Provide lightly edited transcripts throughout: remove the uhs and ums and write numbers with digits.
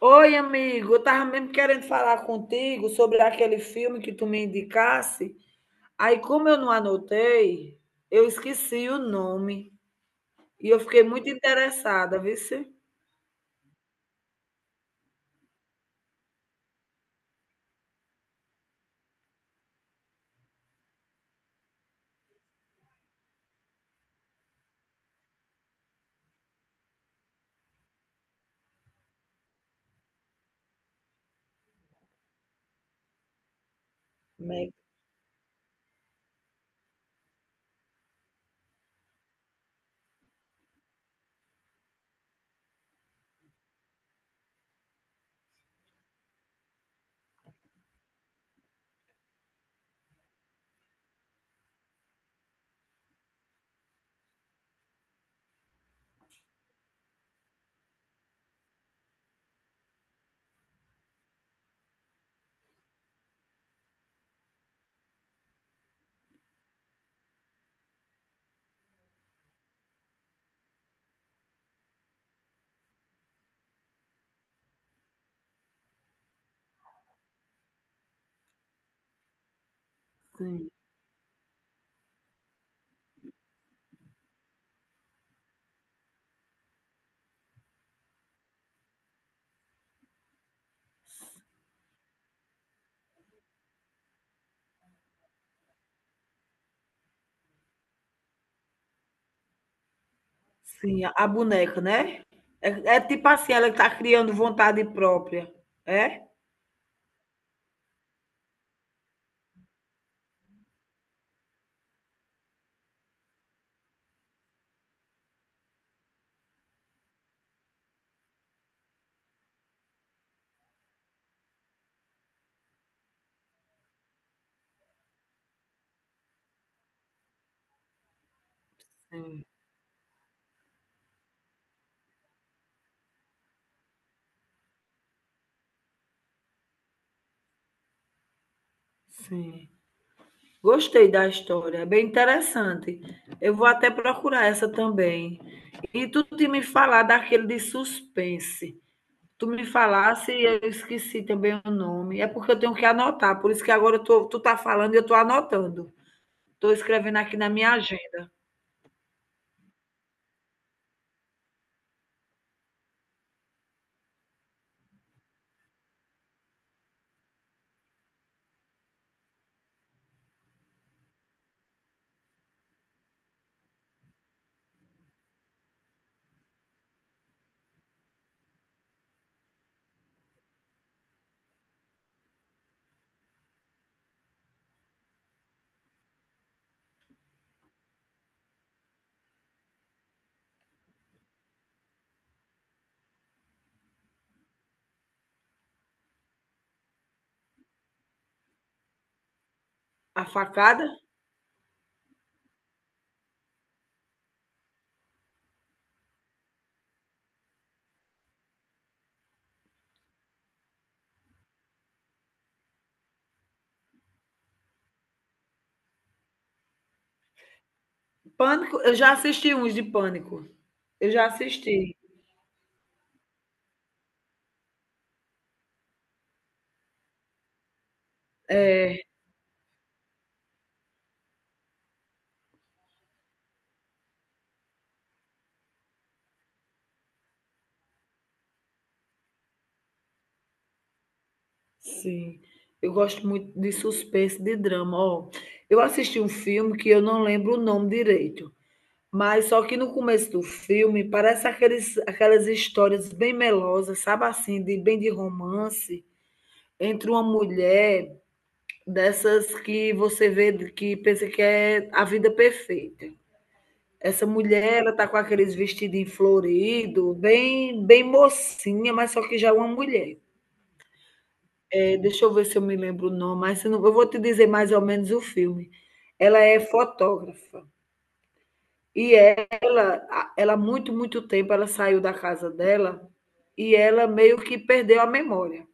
Oi, amigo, eu tava mesmo querendo falar contigo sobre aquele filme que tu me indicasse. Aí, como eu não anotei, eu esqueci o nome e eu fiquei muito interessada, viu? Se? Meg- Sim, sim, a boneca, né? É, é tipo assim, ela tá criando vontade própria, é? Sim, sim. Gostei da história, é bem interessante. Eu vou até procurar essa também. E tu tinha me falar daquele de suspense. Tu me falasse e eu esqueci também o nome. É porque eu tenho que anotar, por isso que agora eu tô, tu tá falando e eu tô anotando. Tô escrevendo aqui na minha agenda. A facada? Pânico, eu já assisti uns de pânico. Eu já assisti. Sim. Eu gosto muito de suspense, de drama, ó. Eu assisti um filme que eu não lembro o nome direito, mas só que no começo do filme parece aqueles, aquelas histórias bem melosas, sabe assim, de bem de romance, entre uma mulher dessas que você vê que pensa que é a vida perfeita. Essa mulher, ela tá com aqueles vestidinhos florido, bem, bem mocinha, mas só que já é uma mulher. É, deixa eu ver se eu me lembro o nome, mas se não, eu vou te dizer mais ou menos o filme. Ela é fotógrafa e ela muito, muito tempo, ela saiu da casa dela e ela meio que perdeu a memória.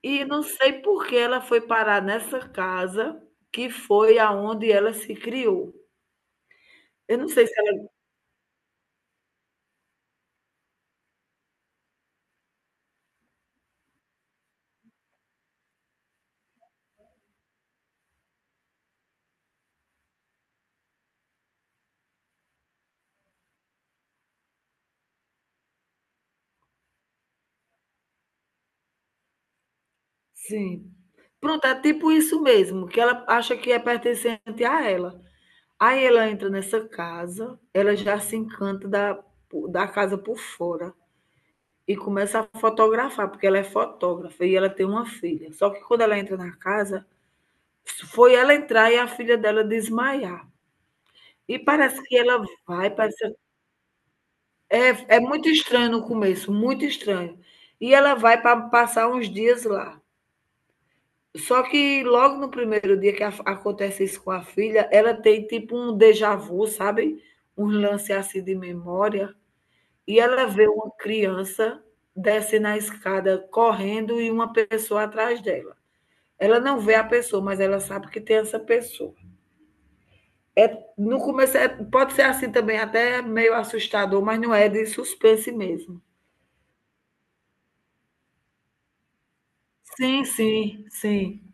E não sei por que ela foi parar nessa casa que foi aonde ela se criou. Eu não sei se ela sim. Pronto, é tipo isso mesmo, que ela acha que é pertencente a ela. Aí ela entra nessa casa, ela já se encanta da, da casa por fora e começa a fotografar, porque ela é fotógrafa e ela tem uma filha. Só que quando ela entra na casa, foi ela entrar e a filha dela desmaiar. E parece que ela vai, parece, é, é muito estranho no começo, muito estranho. E ela vai para passar uns dias lá. Só que logo no primeiro dia que a- acontece isso com a filha, ela tem tipo um déjà vu, sabe? Um lance assim de memória. E ela vê uma criança desce na escada correndo e uma pessoa atrás dela. Ela não vê a pessoa, mas ela sabe que tem essa pessoa. É, no começo é- pode ser assim também, até meio assustador, mas não é de suspense mesmo. Sim, sim, sim.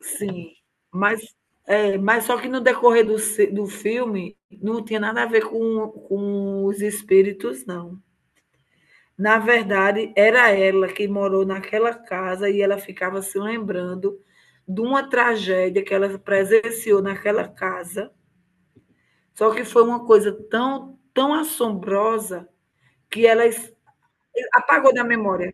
Sim, mas, é, mas só que no decorrer do, ci- do filme não tinha nada a ver com os espíritos, não. Na verdade, era ela que morou naquela casa e ela ficava se lembrando de uma tragédia que ela presenciou naquela casa. Só que foi uma coisa tão, tão assombrosa que ela es- apagou da memória.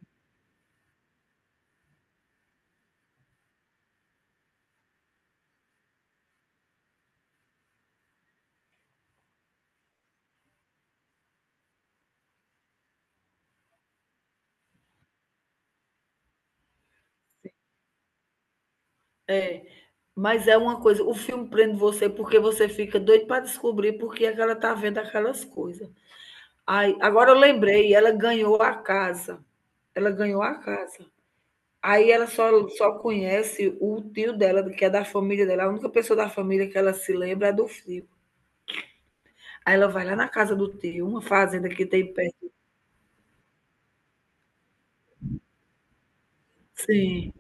É, mas é uma coisa, o filme prende você porque você fica doido para descobrir por que é que ela tá vendo aquelas coisas. Ai, agora eu lembrei, ela ganhou a casa. Ela ganhou a casa. Aí ela só conhece o tio dela, que é da família dela, a única pessoa da família que ela se lembra é do filho. Aí ela vai lá na casa do tio, uma fazenda que tem perto. Sim,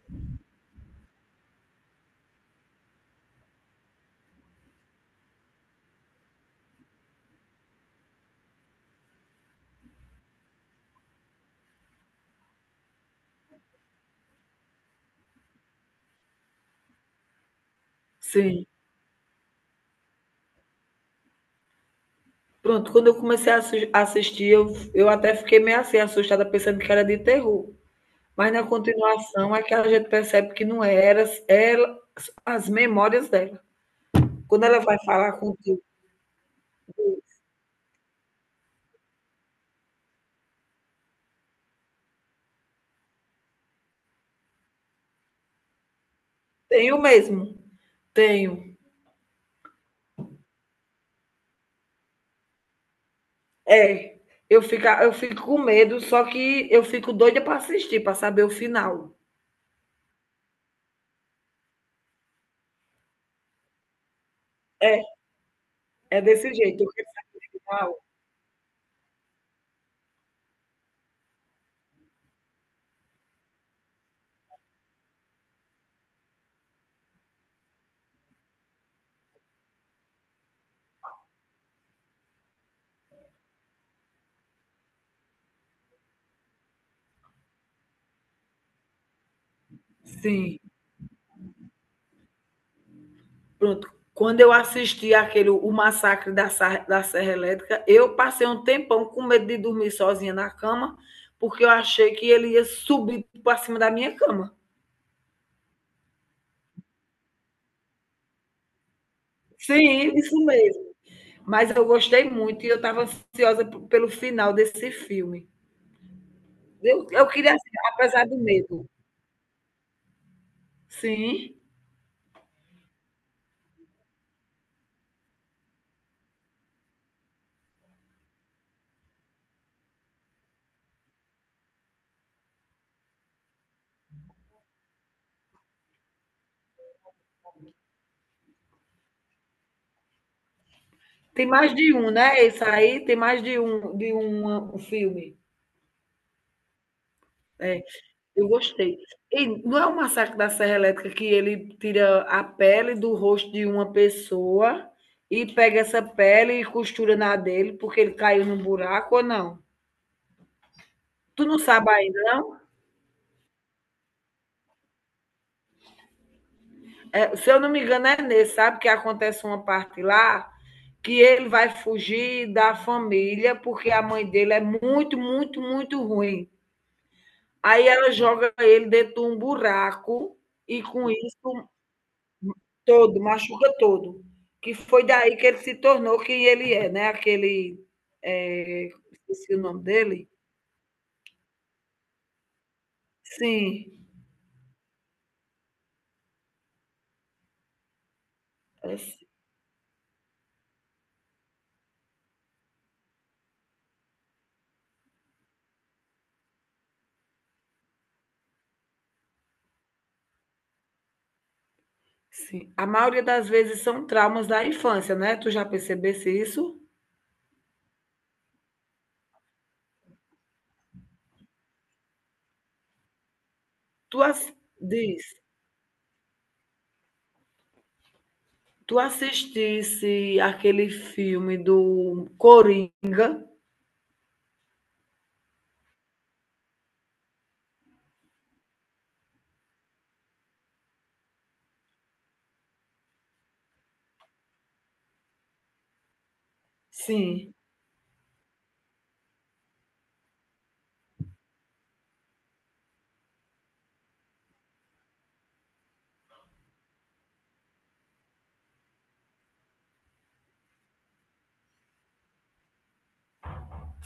sim. Pronto, quando eu comecei a assis assistir, eu até fiquei meio assim, assustada, pensando que era de terror. Mas na continuação é que a gente percebe que não era ela as memórias dela. Quando ela vai falar com o "Tenho mesmo, tenho". É, eu fico com medo, só que eu fico doida para assistir, para saber o final. É, é desse jeito, o final. Sim, pronto. Quando eu assisti aquele O Massacre da, Sar- da Serra Elétrica, eu passei um tempão com medo de dormir sozinha na cama, porque eu achei que ele ia subir para cima da minha cama. Sim, isso mesmo. Mas eu gostei muito e eu estava ansiosa p- pelo final desse filme. Eu queria assistir, apesar do medo. Sim. Tem mais de um, né? Esse aí tem mais de um, um filme. É, eu gostei. E não é o Massacre da Serra Elétrica que ele tira a pele do rosto de uma pessoa e pega essa pele e costura na dele porque ele caiu num buraco ou não? Tu não sabe ainda, não? É, se eu não me engano, é nesse, sabe? Que acontece uma parte lá que ele vai fugir da família porque a mãe dele é muito, muito, muito ruim. Aí ela joga ele dentro de um buraco e com isso todo, machuca todo. Que foi daí que ele se tornou quem ele é, né? Aquele. É, esqueci o nome dele. Sim, é, sim. A maioria das vezes são traumas da infância, né? Tu já percebesse isso? Tu as- diz, tu assistisse aquele filme do Coringa? Sim.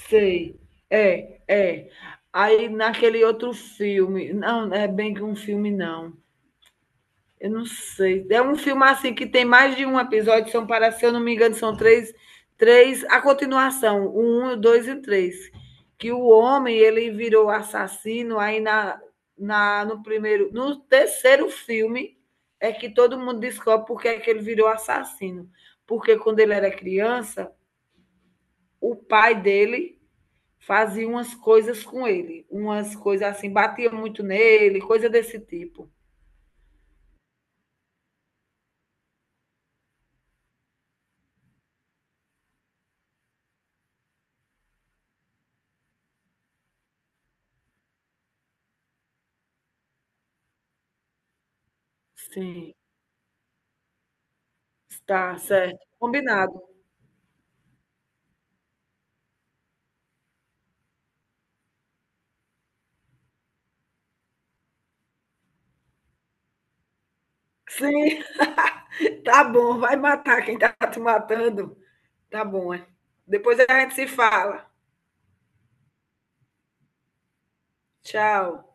Sei. É, é. Aí naquele outro filme. Não, não é bem que um filme, não. Eu não sei. É um filme assim que tem mais de um episódio, são para, se eu não me engano, são três, três, a continuação, o um, o dois e o três. Que o homem ele virou assassino, aí no primeiro, no terceiro filme é que todo mundo descobre porque é que ele virou assassino. Porque quando ele era criança, o pai dele fazia umas coisas com ele, umas coisas assim, batia muito nele, coisa desse tipo. Sim, está certo, combinado. Sim, tá bom, vai matar quem tá te matando. Tá bom, é. Depois a gente se fala. Tchau.